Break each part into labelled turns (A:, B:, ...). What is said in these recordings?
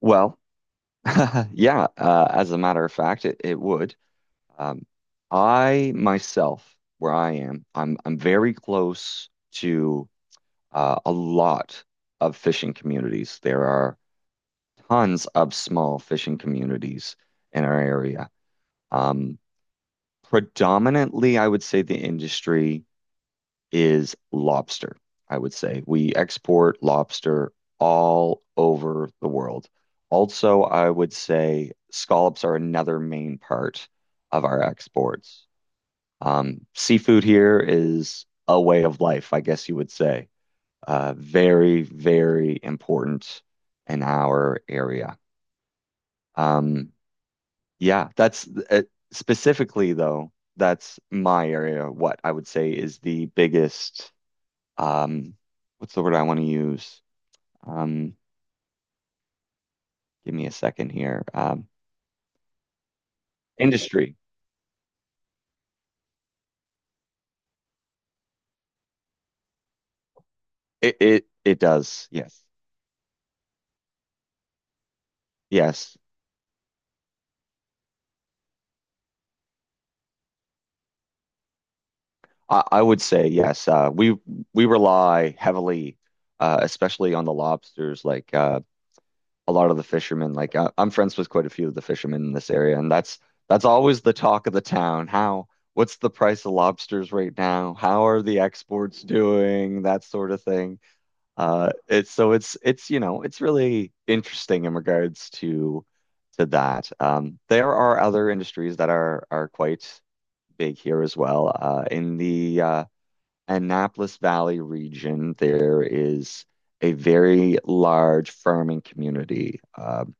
A: Well, yeah, as a matter of fact, it would. Um, I myself, where I am, I'm very close to a lot of fishing communities. There are tons of small fishing communities in our area. Um, predominantly, I would say the industry is lobster, I would say. We export lobster all over the world. Also, I would say scallops are another main part of our exports. Seafood here is a way of life, I guess you would say. Very, very important in our area. Um, yeah, that's specifically though, that's my area. What I would say is the biggest um, what's the word I want to use? Um, Give me a second here. Industry. It does. Yes. Yes. I would say yes. We rely heavily, especially on the lobsters. Like a lot of the fishermen. Like I'm friends with quite a few of the fishermen in this area, and that's always the talk of the town. How what's the price of lobsters right now? How are the exports doing? That sort of thing. It's so it's you know it's really interesting in regards to that. There are other industries that are quite big here as well. In the Annapolis Valley region, there is a very large farming community. Um,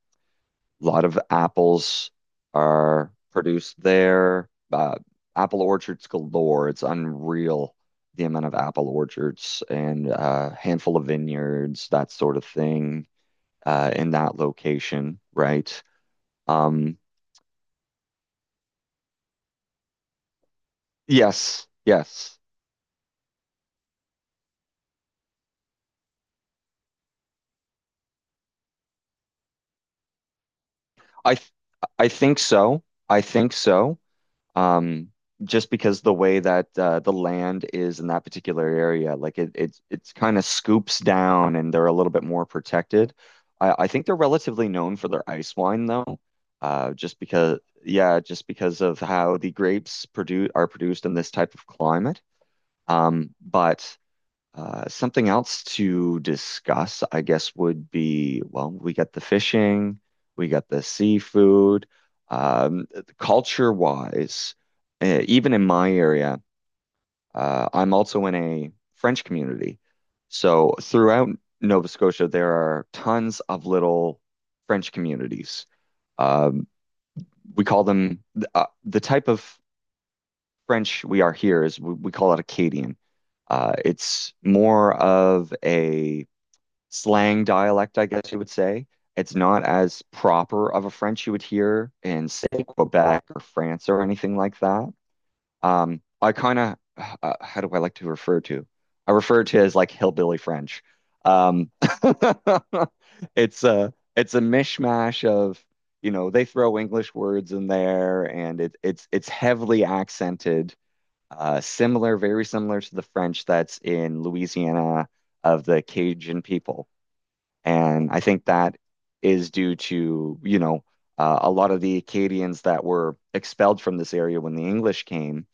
A: a lot of apples are produced there. Apple orchards galore. It's unreal the amount of apple orchards and a handful of vineyards, that sort of thing, in that location, right? Um, yes, yes. I th I think so. I think so. um, just because the way that the land is in that particular area, like it's kind of scoops down and they're a little bit more protected. I think they're relatively known for their ice wine though, just because yeah, just because of how the grapes produce are produced in this type of climate. But something else to discuss, I guess, would be, well, we got the fishing, we got the seafood. Um, culture-wise, even in my area, I'm also in a French community. So throughout Nova Scotia, there are tons of little French communities. Um, we call them the type of French we are here is we call it Acadian. It's more of a slang dialect, I guess you would say. It's not as proper of a French you would hear in, say, Quebec or France or anything like that. I kind of, how do I like to refer to? I refer to it as like hillbilly French. Um, it's a mishmash of, you know, they throw English words in there, and it's heavily accented, very similar to the French that's in Louisiana of the Cajun people. And I think that is due to, you know, a lot of the Acadians that were expelled from this area when the English came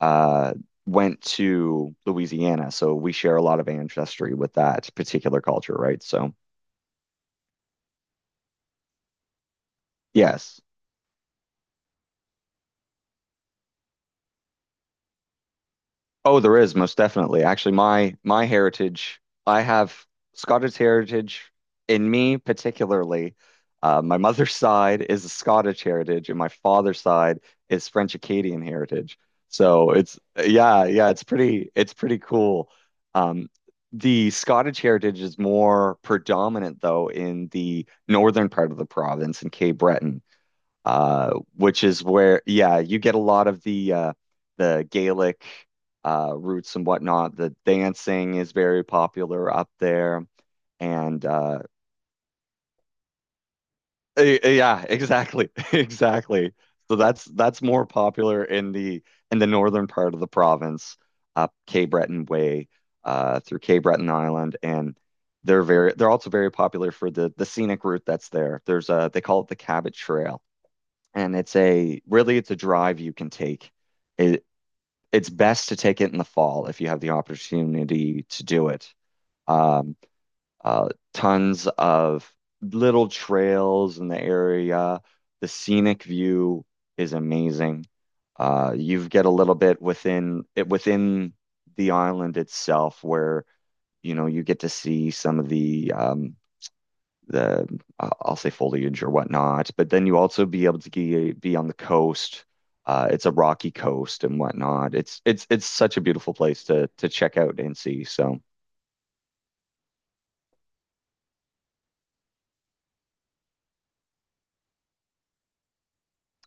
A: uh, went to Louisiana. So we share a lot of ancestry with that particular culture, right? So, yes. Oh, there is most definitely. Actually, my heritage, I have Scottish heritage in me particularly. My mother's side is a Scottish heritage, and my father's side is French Acadian heritage. So it's yeah, yeah, it's pretty cool. Um, the Scottish heritage is more predominant though in the northern part of the province in Cape Breton uh, which is where, yeah, you get a lot of the Gaelic roots and whatnot. The dancing is very popular up there, and yeah, exactly, exactly. So that's more popular in the northern part of the province, up Cape Breton Way, through Cape Breton Island, and they're also very popular for the scenic route that's there. There's a they call it the Cabot Trail and it's a drive you can take. It it's best to take it in the fall if you have the opportunity to do it. Um, tons of little trails in the area. The scenic view is amazing. You get a little bit within the island itself where you know you get to see some of the the I'll say foliage or whatnot. But then you also be able to be on the coast. It's a rocky coast and whatnot. It's such a beautiful place to check out and see. So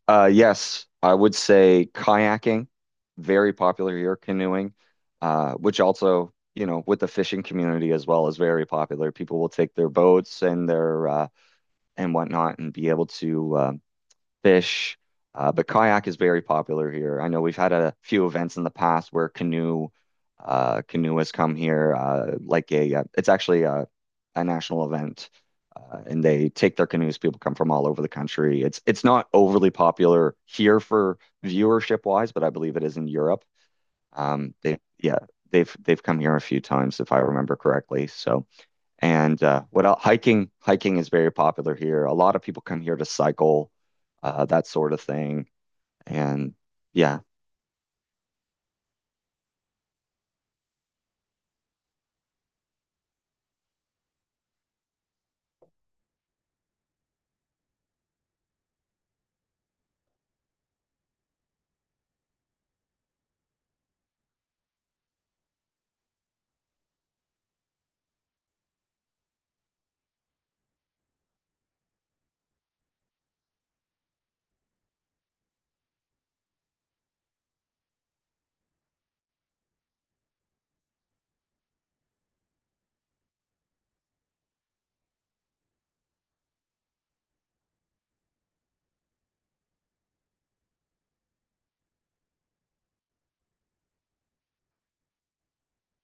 A: yes, I would say kayaking, very popular here. Canoeing, which also you know with the fishing community as well is very popular. People will take their boats and their and whatnot and be able to fish. But kayak is very popular here. I know we've had a few events in the past where canoe has come here. Like a, it's actually a national event, and they take their canoes. People come from all over the country. It's not overly popular here for viewership wise, but I believe it is in Europe. They yeah they've come here a few times if I remember correctly. So and what else? Hiking, hiking is very popular here. A lot of people come here to cycle, that sort of thing. And yeah,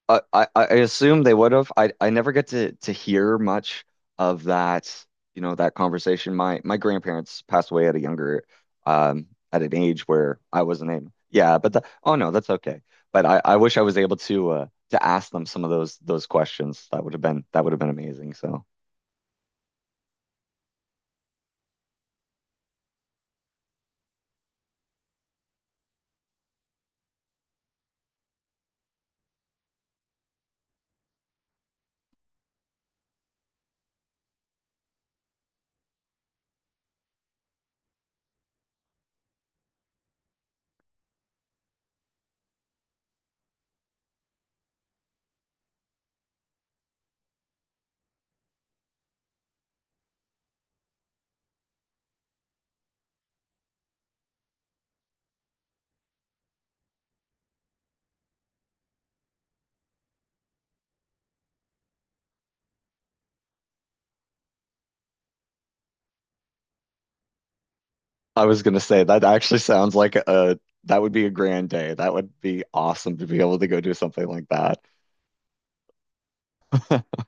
A: I assume they would have. I never get to hear much of that, you know, that conversation. My grandparents passed away at a younger, um, at an age where I wasn't able. Yeah, but oh no, that's okay. But I wish I was able to ask them some of those questions. That would have been amazing. So I was gonna say that actually sounds like a that would be a grand day. That would be awesome to be able to go do something like that.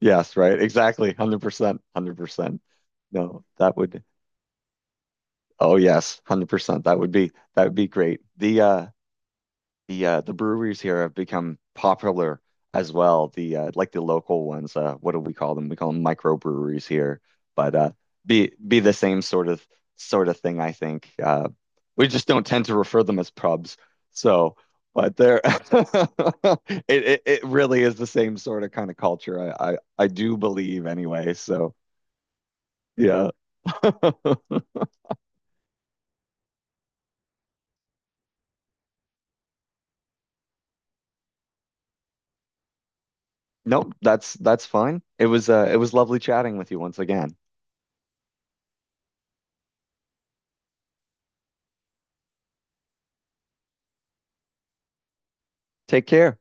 A: Yes, right. Exactly. 100%. 100%. No, that would Oh yes, 100%. That would be great. The the breweries here have become popular as well. The Like the local ones. What do we call them? We call them microbreweries here, but be the same sort of thing. I think we just don't tend to refer them as pubs. So, but they're it it really is the same sort of kind of culture. I do believe anyway. So yeah. Nope, that's fine. It was lovely chatting with you once again. Take care.